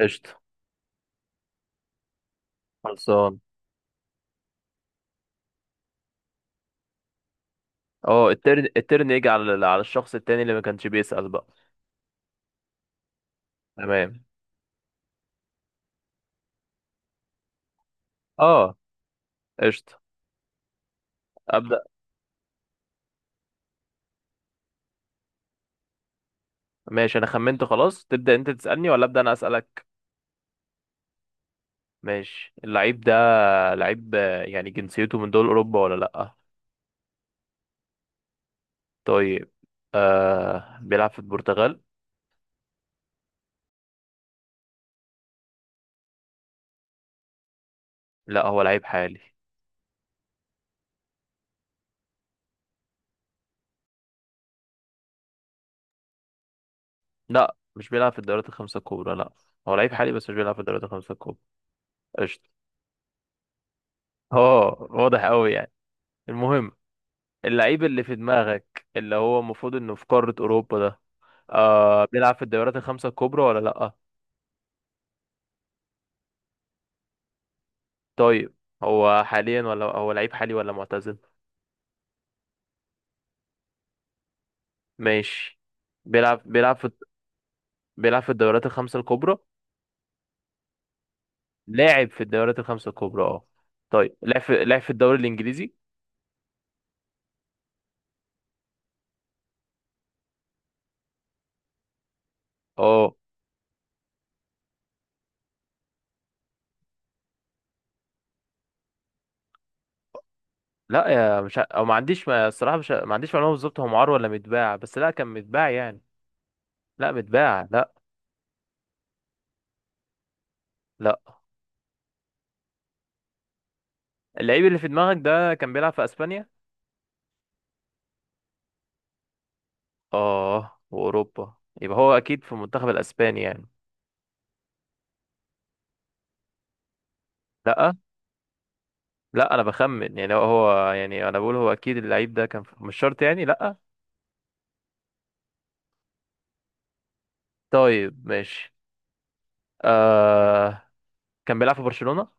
قشطة. خلصان. اه الترن يجي على الشخص التاني اللي ما كانش بيسأل بقى. تمام. اه قشطة. أبدأ. ماشي، أنا خمنت خلاص. تبدأ أنت تسألني ولا أبدأ أنا أسألك؟ ماشي. اللعيب ده لعيب يعني جنسيته من دول أوروبا ولا لأ؟ طيب. بيلعب في البرتغال؟ لأ هو لعيب حالي. لأ مش بيلعب في الدوريات الخمسة الكبرى، لأ. هو لعيب حالي بس مش بيلعب في الدوريات الخمسة الكبرى. قشطة. اه، واضح أوي يعني. المهم، اللعيب اللي في دماغك اللي هو المفروض انه في قارة اوروبا ده، آه، بيلعب في الدوريات الخمسة الكبرى ولا لأ؟ طيب. هو حاليا ولا هو لعيب حالي ولا معتزل؟ ماشي. بيلعب بيلعب في بيلعب في الدوريات الخمسة الكبرى. لاعب في الدوريات الخمسة الكبرى، اه. طيب، لعب في الدوري الانجليزي؟ اه. لا يا، مش ع- او ما عنديش، ما الصراحة مش ع- ما عنديش معلومة بالظبط هو معار ولا متباع، بس لا كان متباع يعني. لا متباع، لا لا. اللعيب اللي في دماغك ده كان بيلعب في اسبانيا؟ اه، واوروبا. يبقى هو اكيد في المنتخب الاسباني يعني. لا. لا انا بخمن، يعني يعني انا بقول هو اكيد اللعيب ده كان في، مش شرط يعني، لا. طيب ماشي. آه، كان بيلعب في برشلونة؟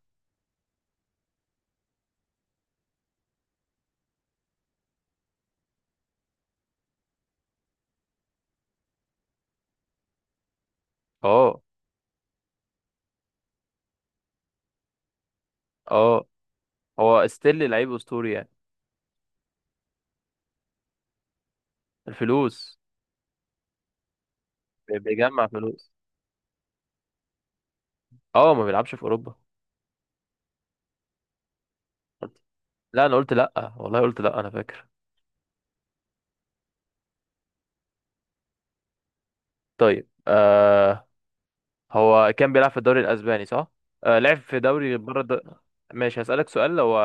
اه. اه، هو ستيل لعيب اسطوري يعني؟ الفلوس. بيجمع فلوس. اه، ما بيلعبش في اوروبا. لا انا قلت لا، والله قلت لا، انا فاكر. طيب. آه، هو كان بيلعب في الدوري الاسباني صح؟ آه لعب في دوري بره الد... ماشي هسألك سؤال، هو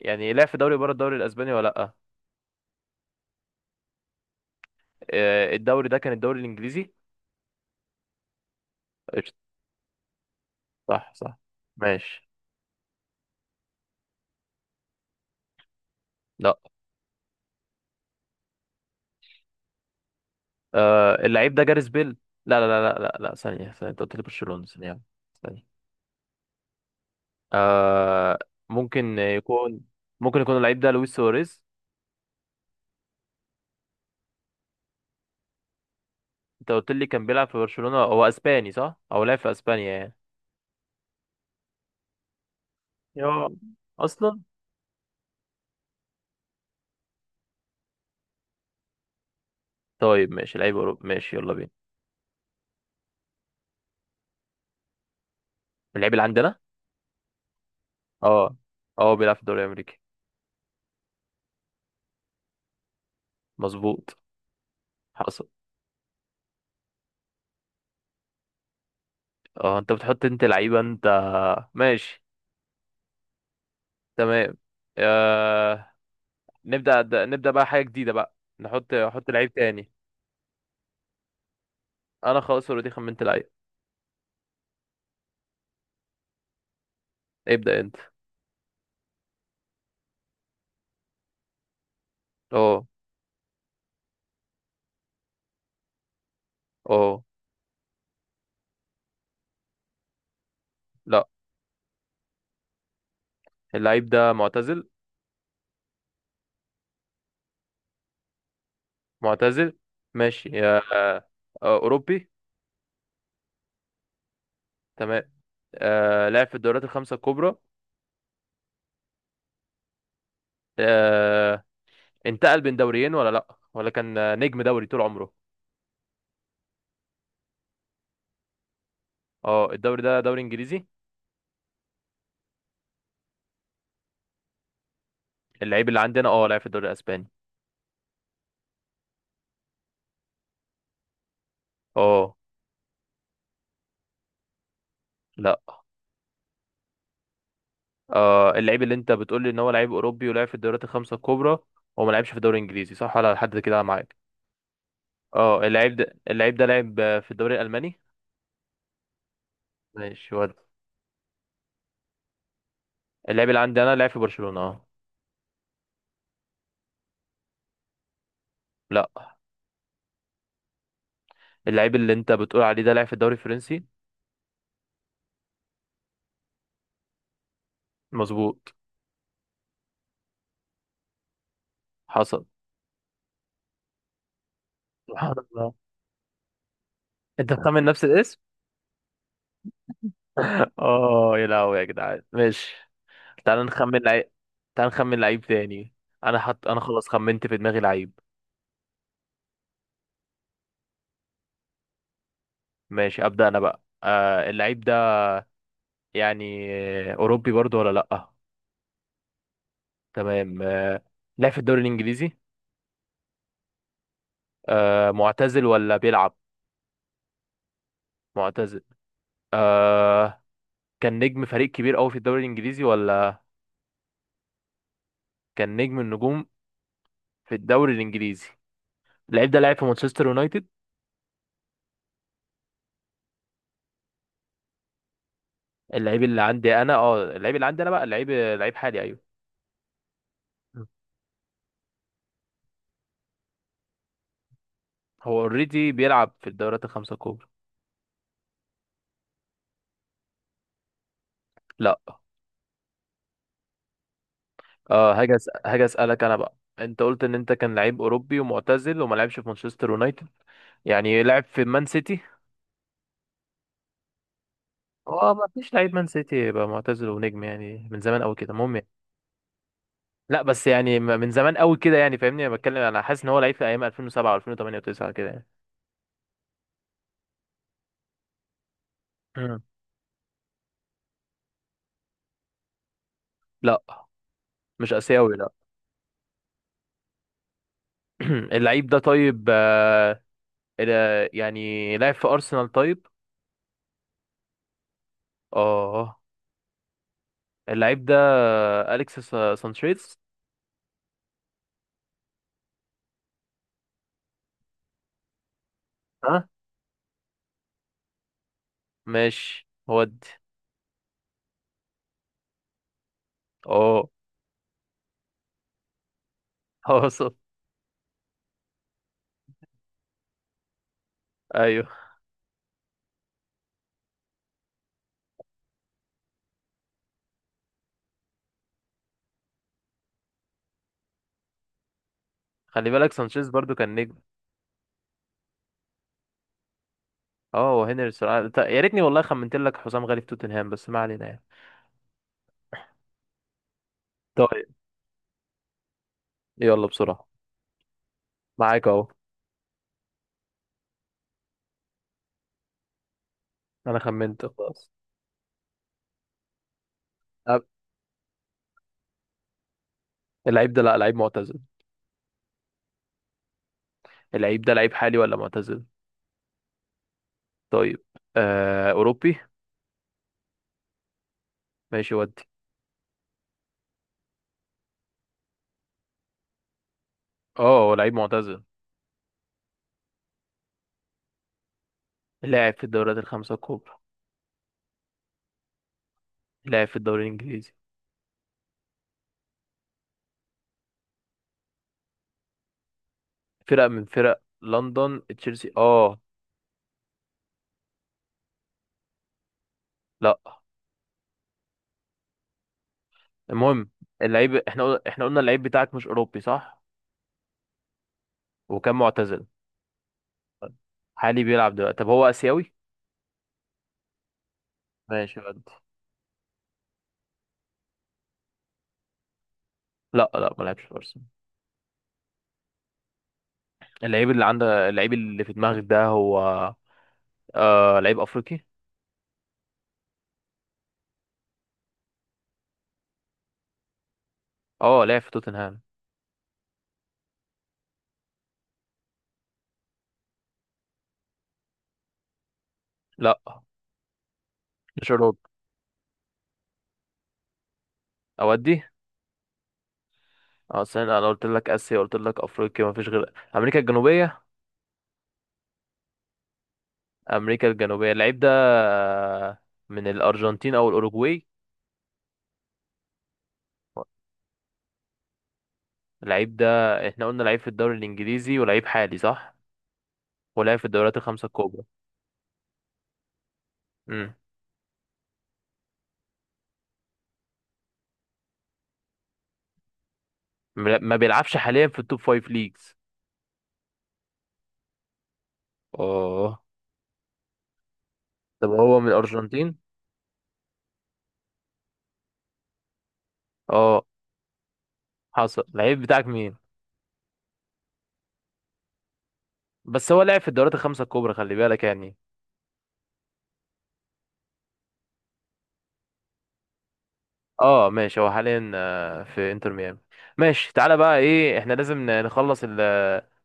يعني لعب في دوري بره الدوري الاسباني ولا لا؟ آه، الدوري ده كان الدوري الانجليزي؟ قشطة. صح صح. ماشي. لا. آه، اللعيب ده جاريث بيل. لا لا لا لا لا لا، ثانية ثانية، انت قلت لي برشلونة. ثانية ثانية. آه. ممكن يكون ممكن يكون اللعيب ده لويس سواريز. انت قلت لي كان بيلعب في برشلونة، هو اسباني صح، او لعب في اسبانيا يعني. يا. اصلا. طيب ماشي، لعيب اوروبي، ماشي يلا بينا. اللعيب اللي عندنا؟ اه. اه بيلعب في الدوري الامريكي. مظبوط. حصل. اه انت بتحط انت لعيبة انت. ماشي. تمام. آه... نبدأ، نبدأ بقى حاجة جديدة بقى. احط لعيب تاني. انا خلاص اوريدي خمنت لعيب. ابدأ انت. اه. اه لا اللعيب ده معتزل. معتزل. ماشي. آه... آه... اوروبي. تمام. آه... لعب في الدوريات الخمسة الكبرى. آه... انتقل بين دوريين ولا لا، ولا كان نجم دوري طول عمره؟ اه، الدوري ده دوري انجليزي؟ اللعيب اللي عندنا، اه، لعب في الدوري الاسباني، اه. لا. آه، اللعيب اللي انت بتقول لي ان هو لعيب اوروبي ولعب في الدوريات الخمسه الكبرى، هو ما لعبش في الدوري الانجليزي صح ولا لحد كده معاك؟ اه، اللعيب ده لعب في الدوري الالماني؟ ماشي. ود. اللعيب اللي عندي انا لعب في برشلونه، اه. لا. اللعيب اللي انت بتقول عليه ده لعب في الدوري الفرنسي؟ مظبوط. حصل. سبحان الله. انت مخمن نفس الاسم؟ اه يا لهوي يا جدعان، ماشي. تعال نخمن لعيب تعال نخمن لعيب تاني. انا خلاص خمنت في دماغي لعيب. ماشي. ابدا انا بقى. آه، اللعيب ده، يعني، أوروبي برضو ولا لأ؟ تمام. آه، لعب في الدوري الإنجليزي؟ آه، معتزل ولا بيلعب؟ معتزل. آه، كان نجم فريق كبير أوي في الدوري الإنجليزي ولا؟ كان نجم النجوم في الدوري الإنجليزي؟ اللعيب ده لعب في مانشستر يونايتد؟ اللعيب اللي عندي أنا بقى، اللعيب لعيب حالي، أيوه. مم. هو اوريدي بيلعب في الدورات الخمسة الكبرى. لا. اه، هاجي اسالك انا بقى، انت قلت ان انت كان لعيب اوروبي ومعتزل وما لعبش في مانشستر يونايتد، يعني لعب في مان سيتي؟ هو ما فيش لعيب مان سيتي يبقى معتزل ونجم يعني من زمان قوي كده، المهم يعني. لا بس يعني، من زمان قوي كده، يعني فاهمني، انا حاسس ان هو لعيب في ايام 2007 و2008 و9 كده يعني. مم. لا، مش اسيوي، لا. اللعيب ده، طيب، آه، يعني لعب في ارسنال طيب؟ اه. اللعيب ده آه، سانشيز. ها. ماشي ودي. اه. اه صح. ايوه. خلي بالك سانشيز برضو كان نجم. اه، وهنري صراحة- يا ريتني والله خمنت لك حسام غالي في توتنهام، بس ما علينا يعني. طيب. يلا بسرعة. معاك اهو. انا خمنت خلاص. أب- اللعيب ده، لا، لعيب معتزل. اللعيب ده لعيب حالي ولا معتزل؟ طيب. آه، اوروبي؟ ماشي ودي. اه، هو لعيب معتزل. لاعب في الدوريات الخمسة الكبرى. لاعب في الدوري الانجليزي. فرقة من فرق لندن، تشيلسي، اه. لا. المهم. اللعيب، احنا قلنا اللعيب بتاعك مش اوروبي صح؟ وكان معتزل. حالي بيلعب دلوقتي؟ طب هو اسيوي؟ ماشي ودي. لا، لا ما لعبش في ارسنال. اللعيب اللي في دماغك ده، هو، آه، لعيب افريقي؟ اه لعب في توتنهام. لا. جيرارد. اودي. اه استنى، انا قلت لك اسيا قلت لك افريقيا، ما فيش غير امريكا الجنوبيه. امريكا الجنوبيه. اللعيب ده آه، من الارجنتين او الاوروجواي. اللعيب ده، احنا قلنا لعيب في الدوري الانجليزي ولعيب حالي صح، ولعب في الدوريات الخمسه الكبرى. امم. ما بيلعبش حاليا في التوب فايف ليجز. اه. طب هو من الارجنتين؟ اه. حصل. اللعيب بتاعك مين؟ بس هو لعب في الدوريات الخمسه الكبرى خلي بالك يعني. اه ماشي، هو حاليا آه، في انتر ميامي. ماشي، تعالى بقى، ايه احنا لازم نخلص ال-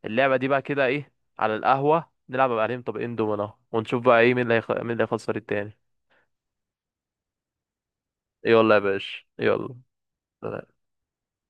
اللعبة دي بقى كده، ايه، على القهوة نلعب بقى عليهم طبقين دومنا، ونشوف بقى ايه مين اللي هيخ... مين اللي هيخسر التاني. يلا يا باشا يلا.